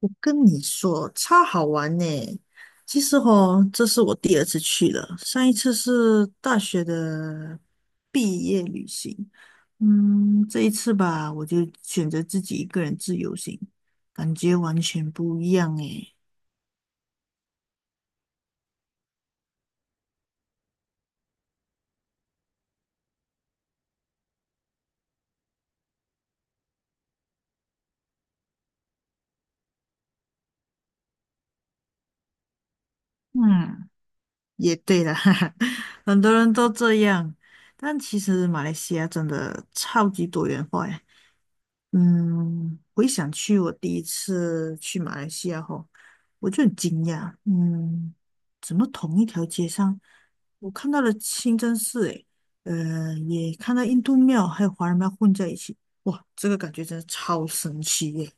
我跟你说，超好玩呢！其实哦，这是我第二次去了，上一次是大学的毕业旅行。这一次吧，我就选择自己一个人自由行，感觉完全不一样诶。嗯，也对啦，哈哈，很多人都这样，但其实马来西亚真的超级多元化呀。回想去我第一次去马来西亚后，我就很惊讶，怎么同一条街上，我看到了清真寺，诶，也看到印度庙还有华人庙混在一起，哇，这个感觉真的超神奇耶！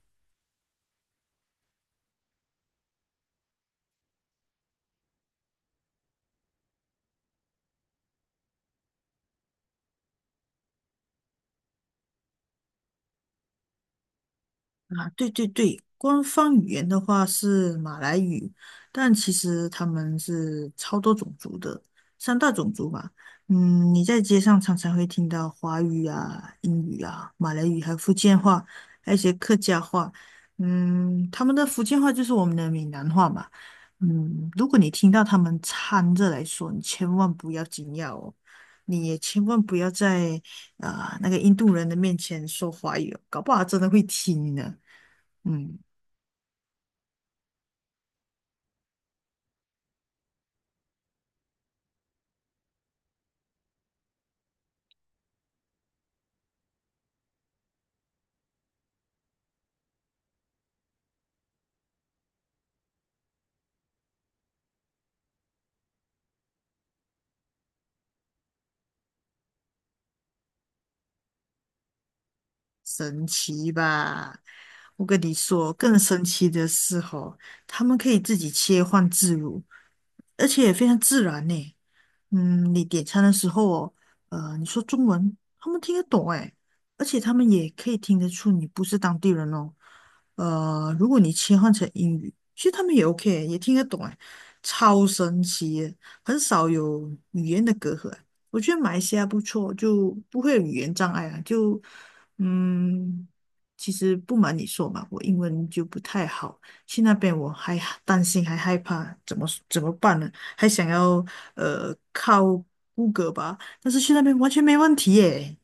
啊，对对对，官方语言的话是马来语，但其实他们是超多种族的，三大种族吧。你在街上常常会听到华语啊、英语啊、马来语，还有福建话，还有一些客家话。他们的福建话就是我们的闽南话嘛。如果你听到他们掺着来说，你千万不要惊讶哦，你也千万不要在那个印度人的面前说华语哦，搞不好他真的会听呢。嗯，神奇吧？我跟你说，更神奇的是哦，他们可以自己切换自如，而且也非常自然呢。你点餐的时候哦，你说中文，他们听得懂诶，而且他们也可以听得出你不是当地人哦。如果你切换成英语，其实他们也 OK，也听得懂诶，超神奇耶，很少有语言的隔阂。我觉得马来西亚不错，就不会有语言障碍啊。就嗯，其实不瞒你说嘛，我英文就不太好，去那边我还担心还害怕，怎么办呢？还想要靠谷歌吧，但是去那边完全没问题耶。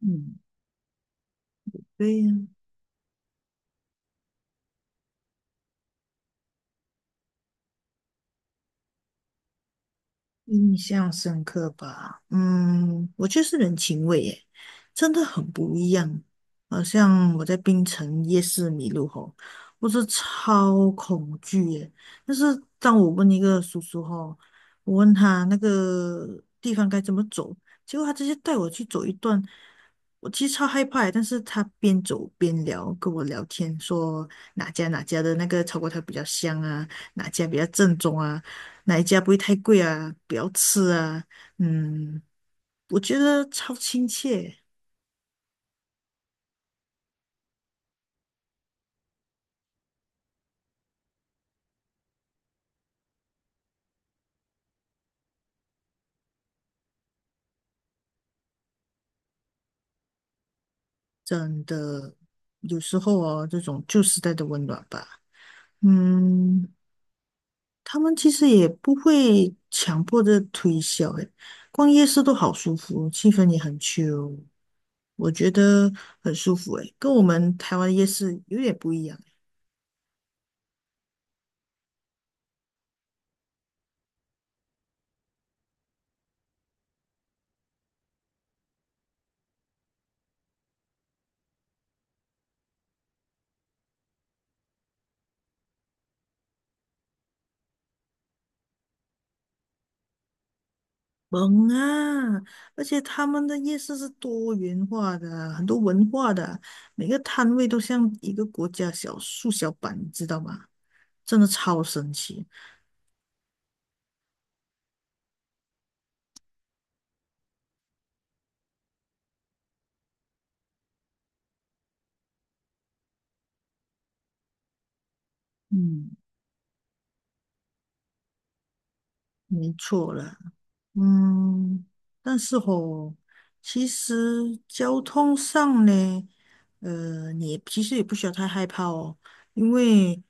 嗯，对呀，印象深刻吧？嗯，我觉得是人情味耶，真的很不一样。好像我在槟城夜市迷路吼，我是超恐惧耶。但是当我问一个叔叔吼，我问他那个地方该怎么走，结果他直接带我去走一段，我其实超害怕耶，但是他边走边聊，跟我聊天，说哪家的那个炒粿条比较香啊，哪家比较正宗啊。哪一家不会太贵啊？不要吃啊，嗯，我觉得超亲切，真的，有时候哦，这种旧时代的温暖吧，嗯，他们其实也不会强迫的推销，诶，逛夜市都好舒服，气氛也很 chill，我觉得很舒服，诶，跟我们台湾夜市有点不一样。萌啊！而且他们的夜市是多元化的，很多文化的，每个摊位都像一个国家小缩小版，你知道吗？真的超神奇。嗯，没错了。嗯，但是吼，其实交通上呢，你也其实也不需要太害怕哦，因为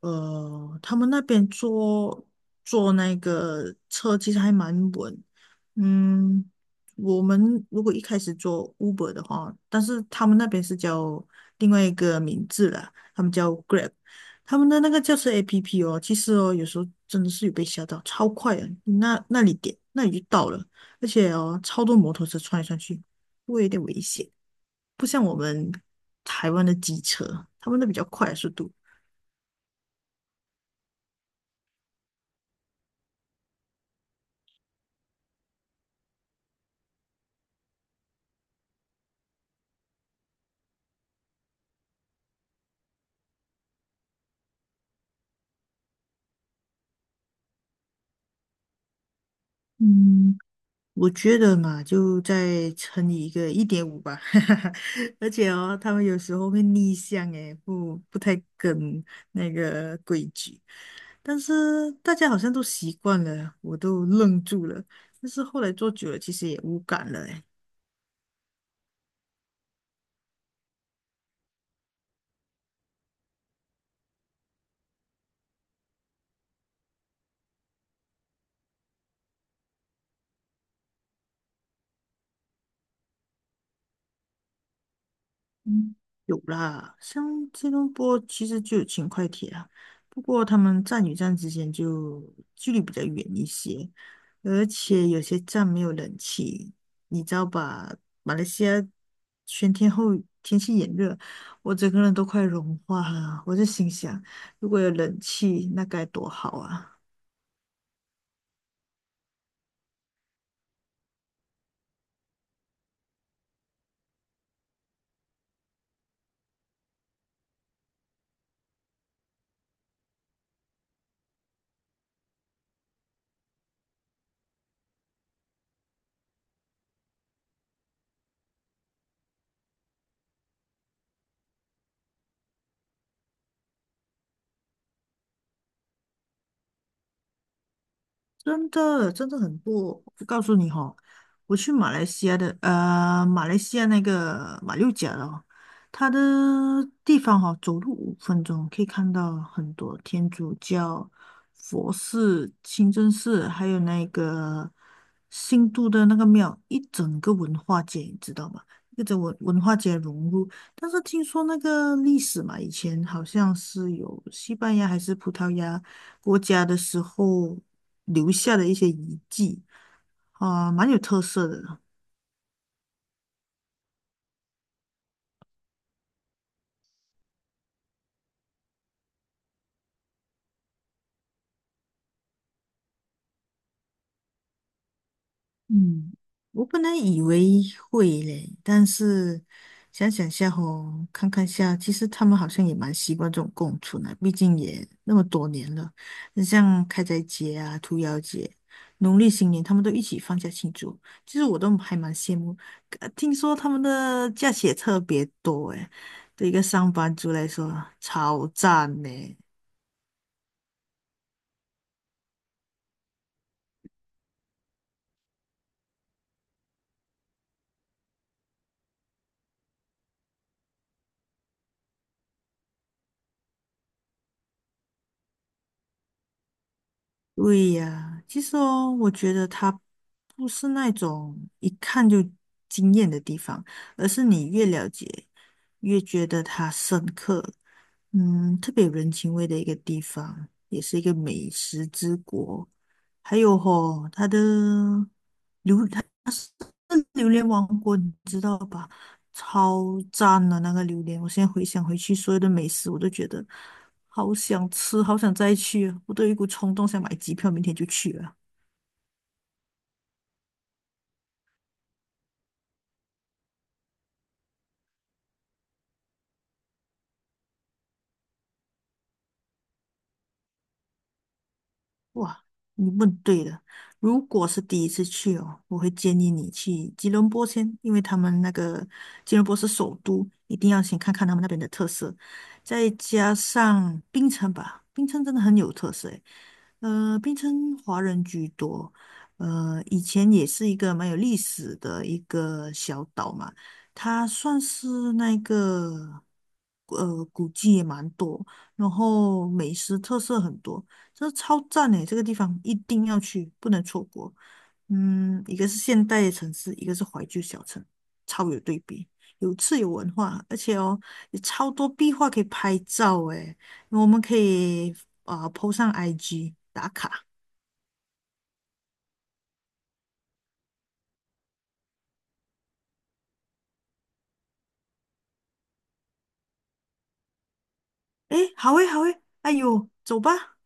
他们那边坐那个车其实还蛮稳。嗯，我们如果一开始做 Uber 的话，但是他们那边是叫另外一个名字啦，他们叫 Grab。他们的那个轿车 APP 哦，其实哦，有时候真的是有被吓到，超快啊！你那里点，那里就到了，而且哦，超多摩托车穿来穿去，会有点危险。不像我们台湾的机车，他们的比较快的速度。嗯，我觉得嘛，就再乘以一个一点五吧。而且哦，他们有时候会逆向，诶，不太跟那个规矩。但是大家好像都习惯了，我都愣住了。但是后来做久了，其实也无感了诶。嗯，有啦，像吉隆坡其实就有轻快铁啊，不过他们站与站之间就距离比较远一些，而且有些站没有冷气，你知道吧？马来西亚全天候天气炎热，我整个人都快融化了。我就心想，如果有冷气，那该多好啊！真的真的很多。我告诉你哈、我去马来西亚的呃，马来西亚那个马六甲了，哦，它的地方哈、走路五分钟可以看到很多天主教、佛寺、清真寺，还有那个新都的那个庙，一整个文化街，你知道吗？一个文化街融入，但是听说那个历史嘛，以前好像是有西班牙还是葡萄牙。国家的时候留下的一些遗迹啊，蛮有特色的。嗯，我本来以为会嘞，但是想想下吼，看看下，其实他们好像也蛮习惯这种共存的，毕竟也那么多年了。像开斋节啊、屠妖节、农历新年，他们都一起放假庆祝，其实我都还蛮羡慕。听说他们的假期也特别多诶，对一个上班族来说超赞嘞。对呀，其实哦，我觉得它不是那种一看就惊艳的地方，而是你越了解，越觉得它深刻。嗯，特别有人情味的一个地方，也是一个美食之国。还有吼、它的榴莲王国你知道吧？超赞的那个榴莲，我现在回想回去所有的美食，我都觉得好想吃，好想再去啊，我都有一股冲动想买机票，明天就去了。哇，你问对了。如果是第一次去哦，我会建议你去吉隆坡先，因为他们那个吉隆坡是首都，一定要先看看他们那边的特色，再加上槟城吧，槟城真的很有特色诶。槟城华人居多，以前也是一个蛮有历史的一个小岛嘛，它算是那个古迹也蛮多，然后美食特色很多。这超赞诶，这个地方一定要去，不能错过。嗯，一个是现代的城市，一个是怀旧小城，超有对比，有趣有文化，而且哦，有超多壁画可以拍照诶，我们可以 po 上 IG 打卡。诶，好诶，好诶，哎呦，走吧。